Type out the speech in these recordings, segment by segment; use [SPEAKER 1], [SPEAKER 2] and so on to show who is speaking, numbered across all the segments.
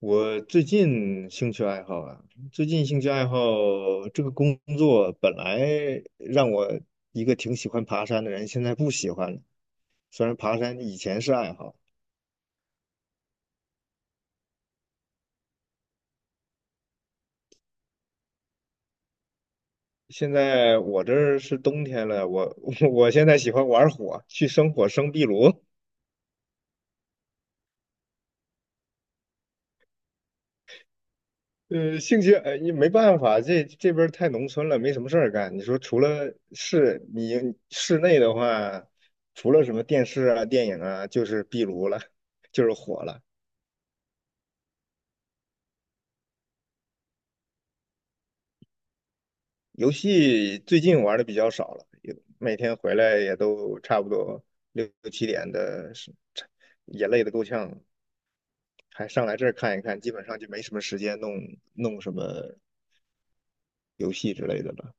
[SPEAKER 1] 我最近兴趣爱好啊，最近兴趣爱好，这个工作本来让我一个挺喜欢爬山的人，现在不喜欢了。虽然爬山以前是爱好，现在我这儿是冬天了，我 我现在喜欢玩火，去生火生壁炉。兴趣你没办法，这边儿太农村了，没什么事儿干。你说除了室内的话，除了什么电视啊、电影啊，就是壁炉了，就是火了。游戏最近玩的比较少了，也每天回来也都差不多六七点的，是也累得够呛，还上来这儿看一看，基本上就没什么时间弄什么游戏之类的了。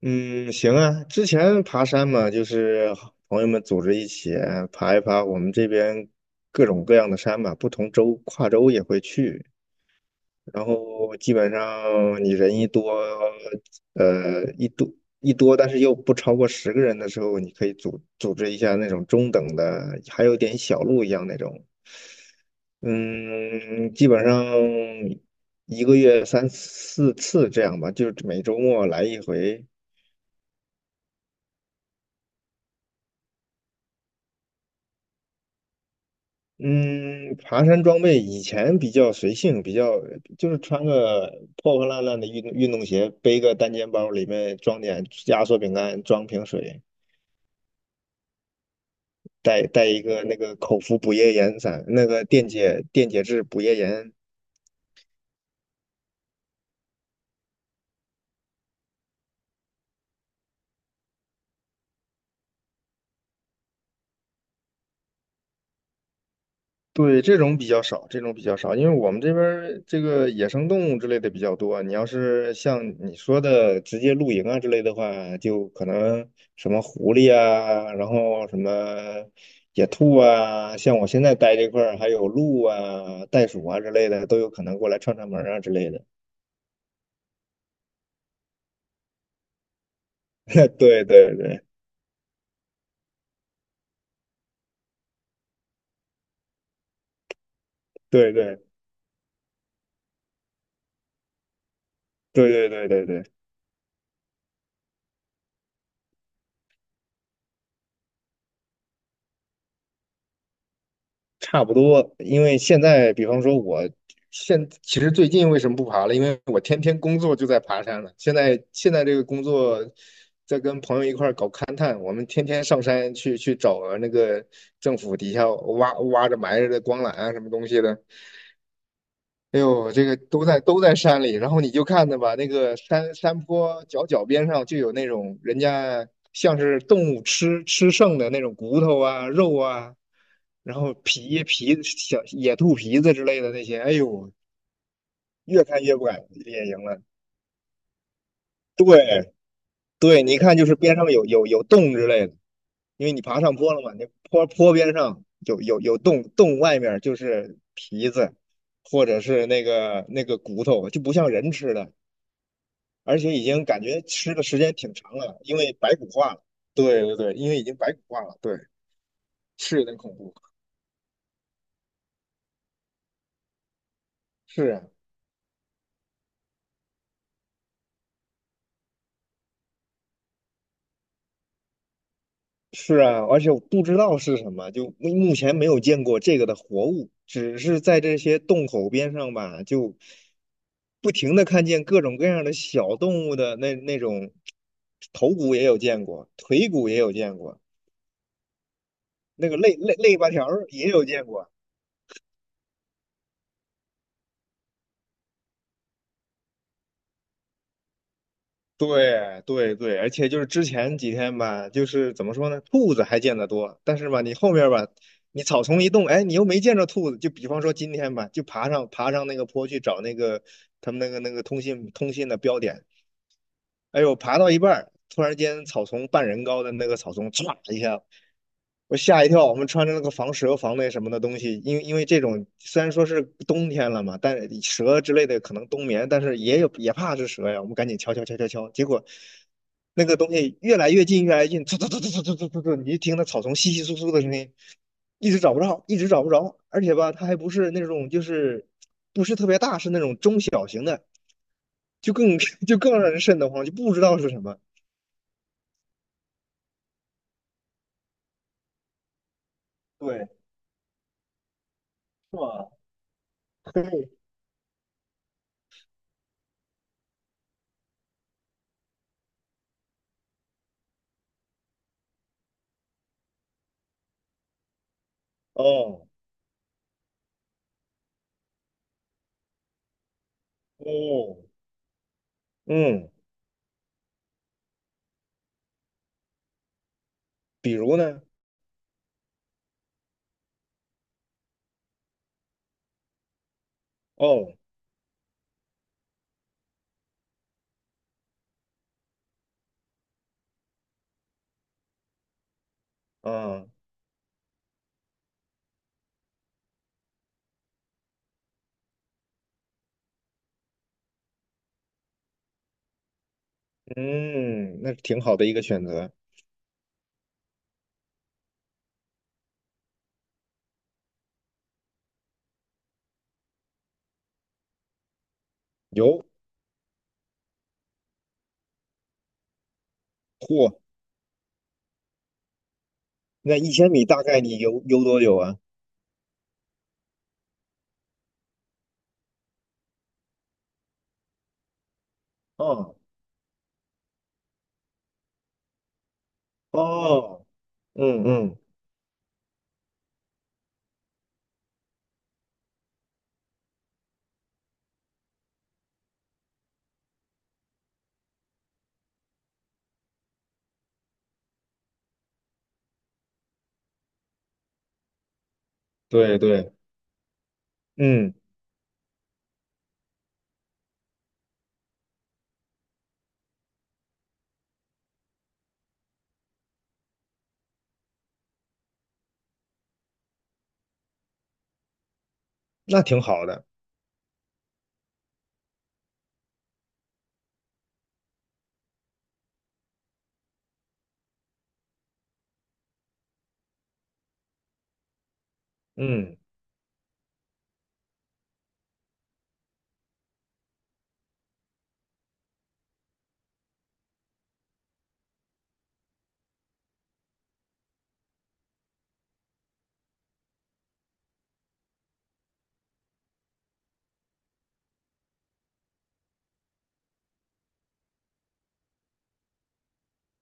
[SPEAKER 1] 嗯，行啊，之前爬山嘛，就是朋友们组织一起爬一爬我们这边各种各样的山吧，不同州跨州也会去。然后基本上你人一多，呃，一多但是又不超过10个人的时候，你可以组织一下那种中等的，还有点小路一样那种。嗯，基本上一个月三四次这样吧，就是每周末来一回。嗯，爬山装备以前比较随性，比较就是穿个破破烂烂的运动鞋，背个单肩包，里面装点压缩饼干，装瓶水。带一个那个口服补液盐散，那个电解质补液盐。对，这种比较少，这种比较少，因为我们这边儿这个野生动物之类的比较多。你要是像你说的直接露营啊之类的话，就可能什么狐狸啊，然后什么野兔啊，像我现在待这块儿还有鹿啊、袋鼠啊之类的，都有可能过来串串门儿啊之类的。对对对对对对对对对对对。差不多，因为现在，比方说我其实最近为什么不爬了？因为我天天工作就在爬山了。现在这个工作在跟朋友一块儿搞勘探，我们天天上山去找那个政府底下挖着埋着的光缆啊，什么东西的。哎呦，这个都在山里，然后你就看着吧，那个山坡脚边上就有那种人家像是动物吃剩的那种骨头啊、肉啊，然后小野兔皮子之类的那些，哎呦，越看越不敢野营了。对对，你一看就是边上有洞之类的，因为你爬上坡了嘛，那坡边上有洞，洞外面就是皮子或者是那个骨头，就不像人吃的。而且已经感觉吃的时间挺长了，因为白骨化了。对对对，因为已经白骨化了，对，是有点恐怖。是啊，是啊，而且我不知道是什么，就前没有见过这个的活物，只是在这些洞口边上吧，就不停的看见各种各样的小动物的那种头骨也有见过，腿骨也有见过，那个肋巴条儿也有见过。对对对，而且就是之前几天吧，就是怎么说呢，兔子还见得多，但是吧，你后面吧，你草丛一动，哎，你又没见着兔子。就比方说今天吧，就爬上那个坡去找那个他们那个通信的标点，哎呦，爬到一半儿突然间草丛半人高的那个草丛，唰一下我吓一跳，我们穿着那个防蛇、防那什么的东西，因为这种虽然说是冬天了嘛，但是蛇之类的可能冬眠，但是也有也怕是蛇呀，我们赶紧敲敲敲敲敲，结果那个东西越来越近，越来越近，突突突突突突突突，你就听那草丛窸窸窣窣的声音，一直找不着，一直找不着，而且吧，它还不是那种就是不是特别大，是那种中小型的，就更 就更让人瘆得慌，就不知道是什么。对，是吧？嘿，哦，哦，嗯。比如呢？哦，啊，嗯，那挺好的一个选择。游，嚯，那1000米大概你游多久啊？哦，哦，嗯嗯，对对，嗯，那挺好的，嗯，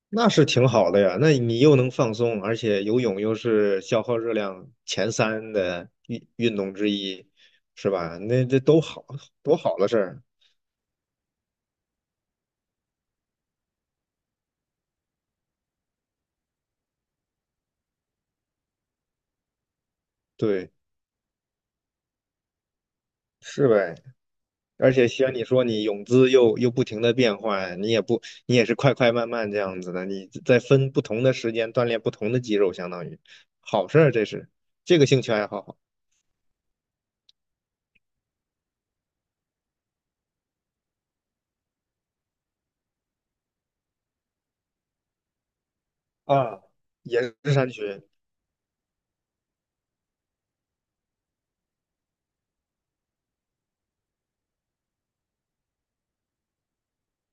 [SPEAKER 1] 那是挺好的呀。那你又能放松，而且游泳又是消耗热量前三的运动之一，是吧？那这都好，多好的事儿。对，是呗。而且像你说，你泳姿又不停的变换，你也不，你也是快快慢慢这样子的，你在分不同的时间锻炼不同的肌肉，相当于好事儿，这是这个兴趣爱好啊，也是山区，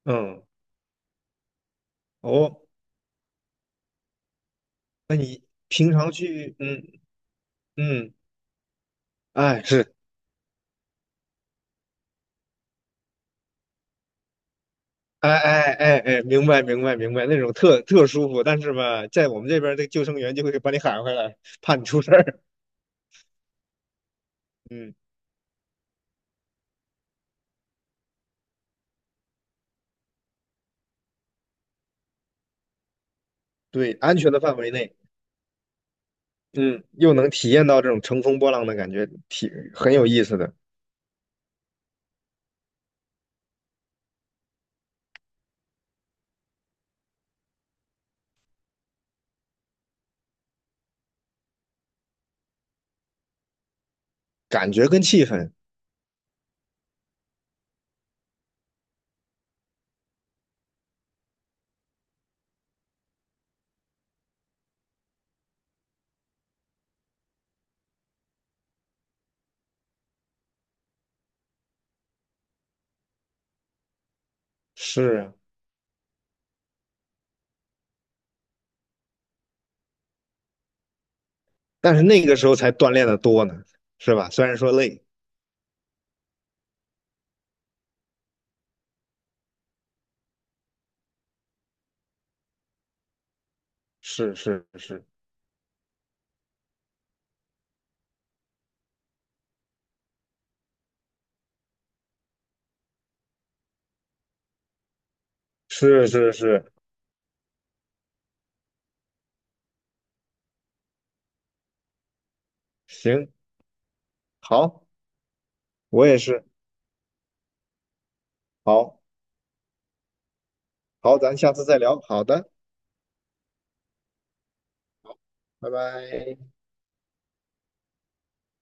[SPEAKER 1] 嗯，哦，平常去，嗯嗯，哎是，哎哎哎哎，明白明白明白，那种特舒服，但是吧，在我们这边儿这个救生员就会把你喊回来，怕你出事儿，嗯，对，安全的范围内。嗯，又能体验到这种乘风破浪的感觉，挺很有意思的感觉跟气氛。是啊，但是那个时候才锻炼的多呢，是吧？虽然说累，是是是是是是，行，好，我也是，好好，咱下次再聊。好的，拜拜。